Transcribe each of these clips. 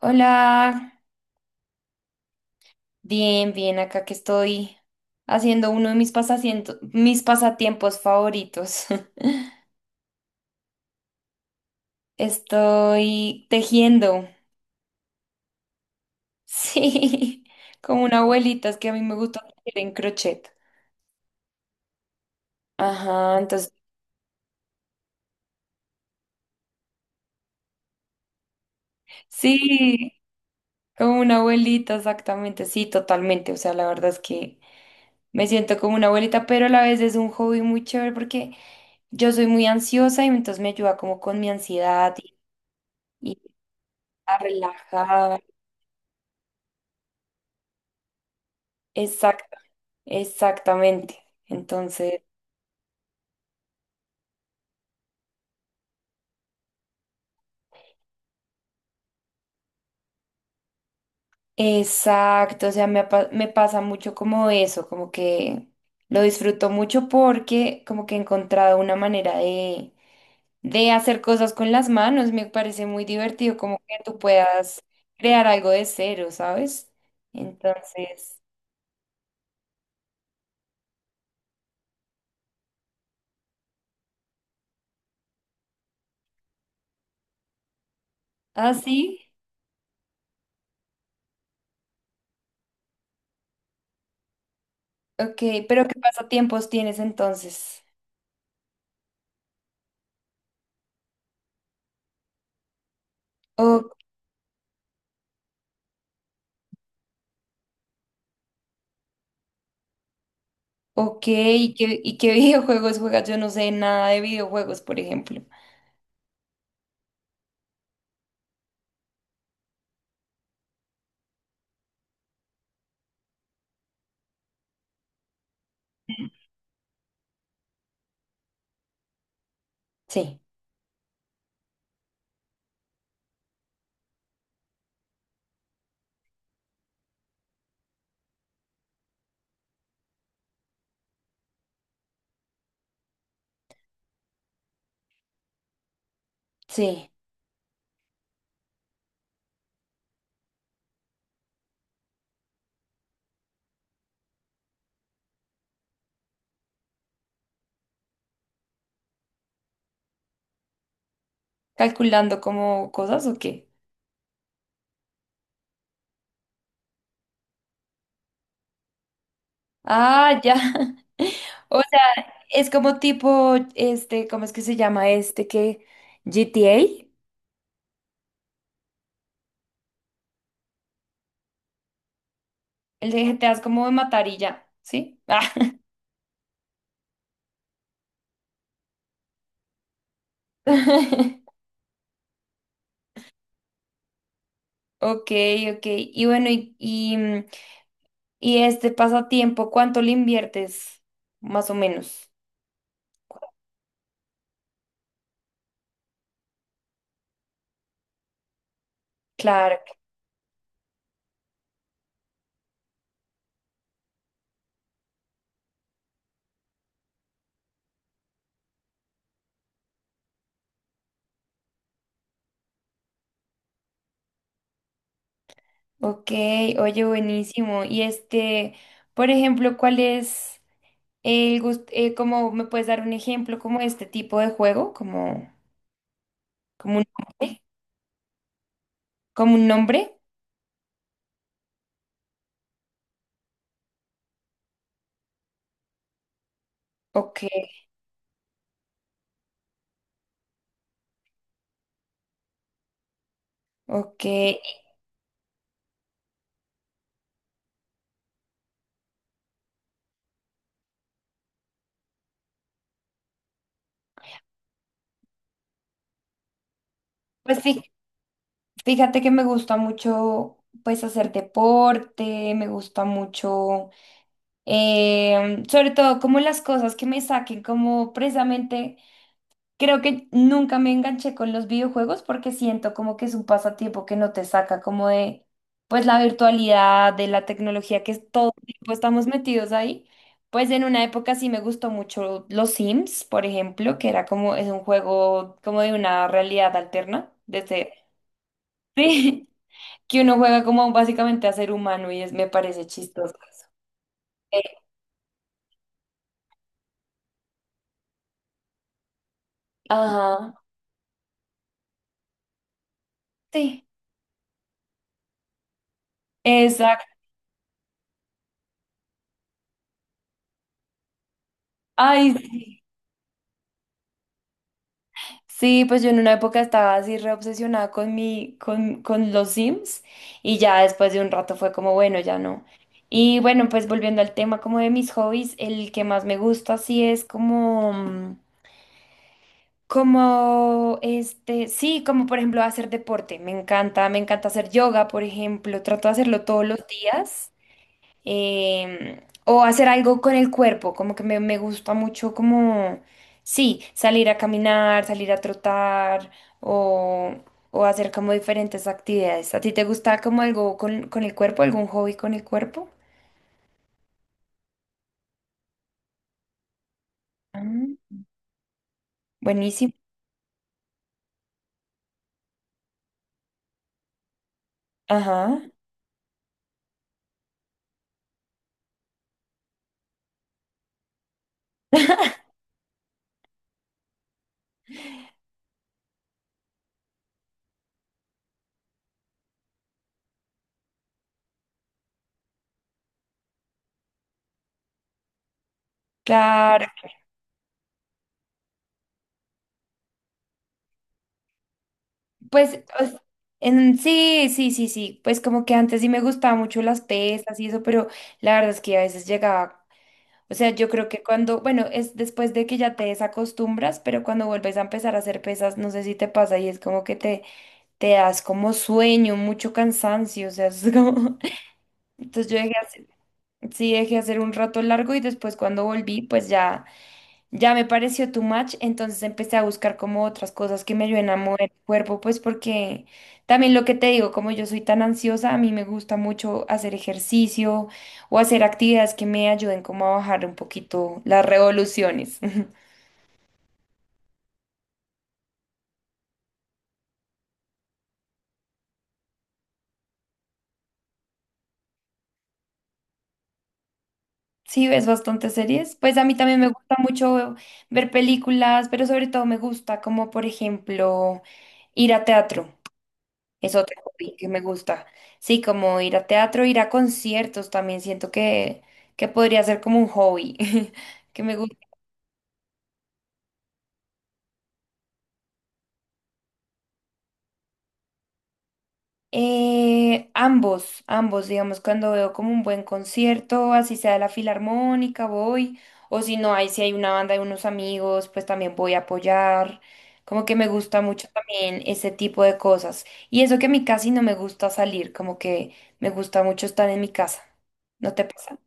Hola, bien, bien, acá que estoy haciendo uno de mis mis pasatiempos favoritos. Estoy tejiendo, sí, como una abuelita, es que a mí me gusta tejer en crochet. Ajá, entonces, sí, como una abuelita, exactamente, sí, totalmente. O sea, la verdad es que me siento como una abuelita, pero a la vez es un hobby muy chévere porque yo soy muy ansiosa y entonces me ayuda como con mi ansiedad y a relajar. Exacto. Exactamente. Entonces, exacto, o sea, me pasa mucho como eso, como que lo disfruto mucho porque como que he encontrado una manera de hacer cosas con las manos, me parece muy divertido como que tú puedas crear algo de cero, ¿sabes? Entonces, así, ok, pero ¿qué pasatiempos tienes entonces? O- ok, y qué videojuegos juegas? Yo no sé nada de videojuegos, por ejemplo. Sí, sí. ¿Calculando como cosas o qué? Ah, ya. O sea, es como tipo, ¿cómo es que se llama este que GTA? El de GTA es como de matar y ya, ¿sí? Ah. Ok, ok. Y bueno, y este pasatiempo, ¿cuánto le inviertes? Más o menos. Claro. Ok, oye, buenísimo. Y este, por ejemplo, ¿cuál es? Como me puedes dar un ejemplo como este tipo de juego, como, como un nombre, como un nombre. Ok, ok. Pues fí- fíjate que me gusta mucho pues hacer deporte, me gusta mucho, sobre todo como las cosas que me saquen como precisamente. Creo que nunca me enganché con los videojuegos porque siento como que es un pasatiempo que no te saca como de pues la virtualidad, de la tecnología todo el tiempo estamos metidos ahí. Pues en una época sí me gustó mucho los Sims, por ejemplo, que era como es un juego como de una realidad alterna, desde sí, que uno juega como básicamente a ser humano y es me parece chistoso. Eso. Eh, ajá, sí, exacto. Ay, sí. Sí, pues yo en una época estaba así re obsesionada con mi, con los Sims y ya después de un rato fue como, bueno, ya no. Y bueno, pues volviendo al tema como de mis hobbies, el que más me gusta sí es como, como este, sí, como por ejemplo hacer deporte. Me encanta hacer yoga, por ejemplo. Trato de hacerlo todos los días, em, o hacer algo con el cuerpo, como que me gusta mucho como, sí, salir a caminar, salir a trotar o, o hacer como diferentes actividades. ¿A ti te gusta como algo con el cuerpo, algún hobby con el cuerpo? Ah, buenísimo. Ajá. Claro, pues o s- en, sí, sí, sí, sí, pues como que antes sí me gustaba mucho las pesas y eso, pero la verdad es que a veces llegaba. O sea, yo creo que cuando, bueno, es después de que ya te desacostumbras, pero cuando vuelves a empezar a hacer pesas, no sé si te pasa y es como que te das como sueño, mucho cansancio, o sea, es como... Entonces yo dejé, hace- sí dejé hacer un rato largo y después cuando volví, pues... Ya Ya me pareció too much, entonces empecé a buscar como otras cosas que me ayuden a mover el cuerpo, pues porque también lo que te digo, como yo soy tan ansiosa, a mí me gusta mucho hacer ejercicio o hacer actividades que me ayuden como a bajar un poquito las revoluciones. Sí, ves bastantes series. Pues a mí también me gusta mucho ver películas, pero sobre todo me gusta como, por ejemplo, ir a teatro. Es otro hobby que me gusta. Sí, como ir a teatro, ir a conciertos también siento que podría ser como un hobby que me gusta. Ambos, ambos, digamos, cuando veo como un buen concierto, así sea de la filarmónica, voy, o si no hay, si hay una banda de unos amigos, pues también voy a apoyar. Como que me gusta mucho también ese tipo de cosas. Y eso que a mí casi no me gusta salir, como que me gusta mucho estar en mi casa. ¿No te pasa?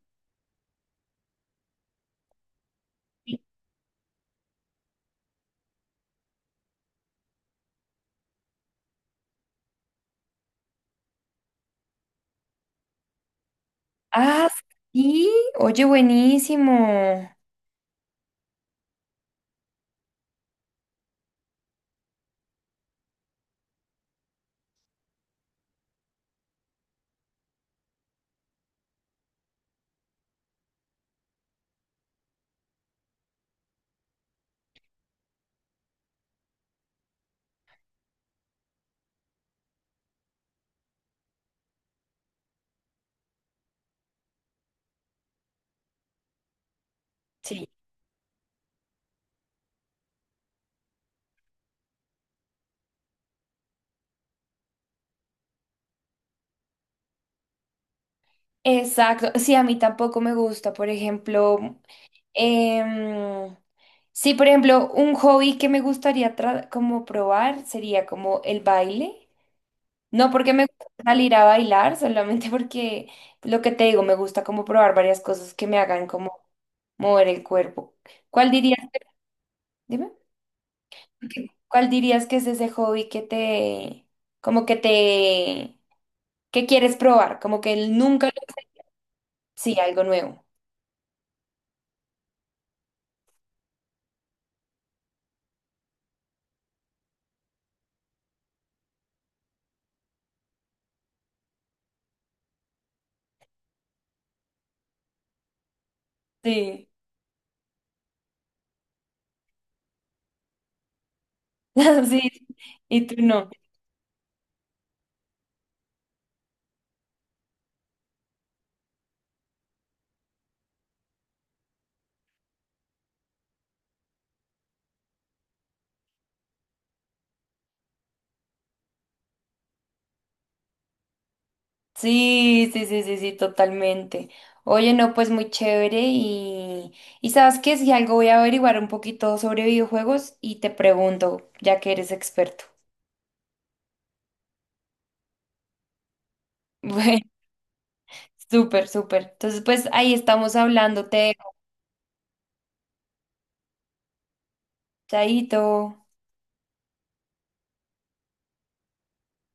Ah, sí, oye, buenísimo. Sí. Exacto, sí, a mí tampoco me gusta, por ejemplo, em, sí, por ejemplo, un hobby que me gustaría como probar sería como el baile. No porque me gusta salir a bailar, solamente porque lo que te digo, me gusta como probar varias cosas que me hagan como mover el cuerpo. ¿Cuál dirías que, dime, ¿qué- cuál dirías que es ese hobby que te, como que te ¿qué quieres probar? Como que él nunca lo hace. Sí, algo nuevo. Sí, sí. Y tú no. Sí, sí, sí, sí, sí, totalmente. Oye, no, pues muy chévere y sabes qué, si algo voy a averiguar un poquito sobre videojuegos y te pregunto, ya que eres experto. Bueno, súper, súper. Entonces, pues ahí estamos hablando, te dejo. Chaito.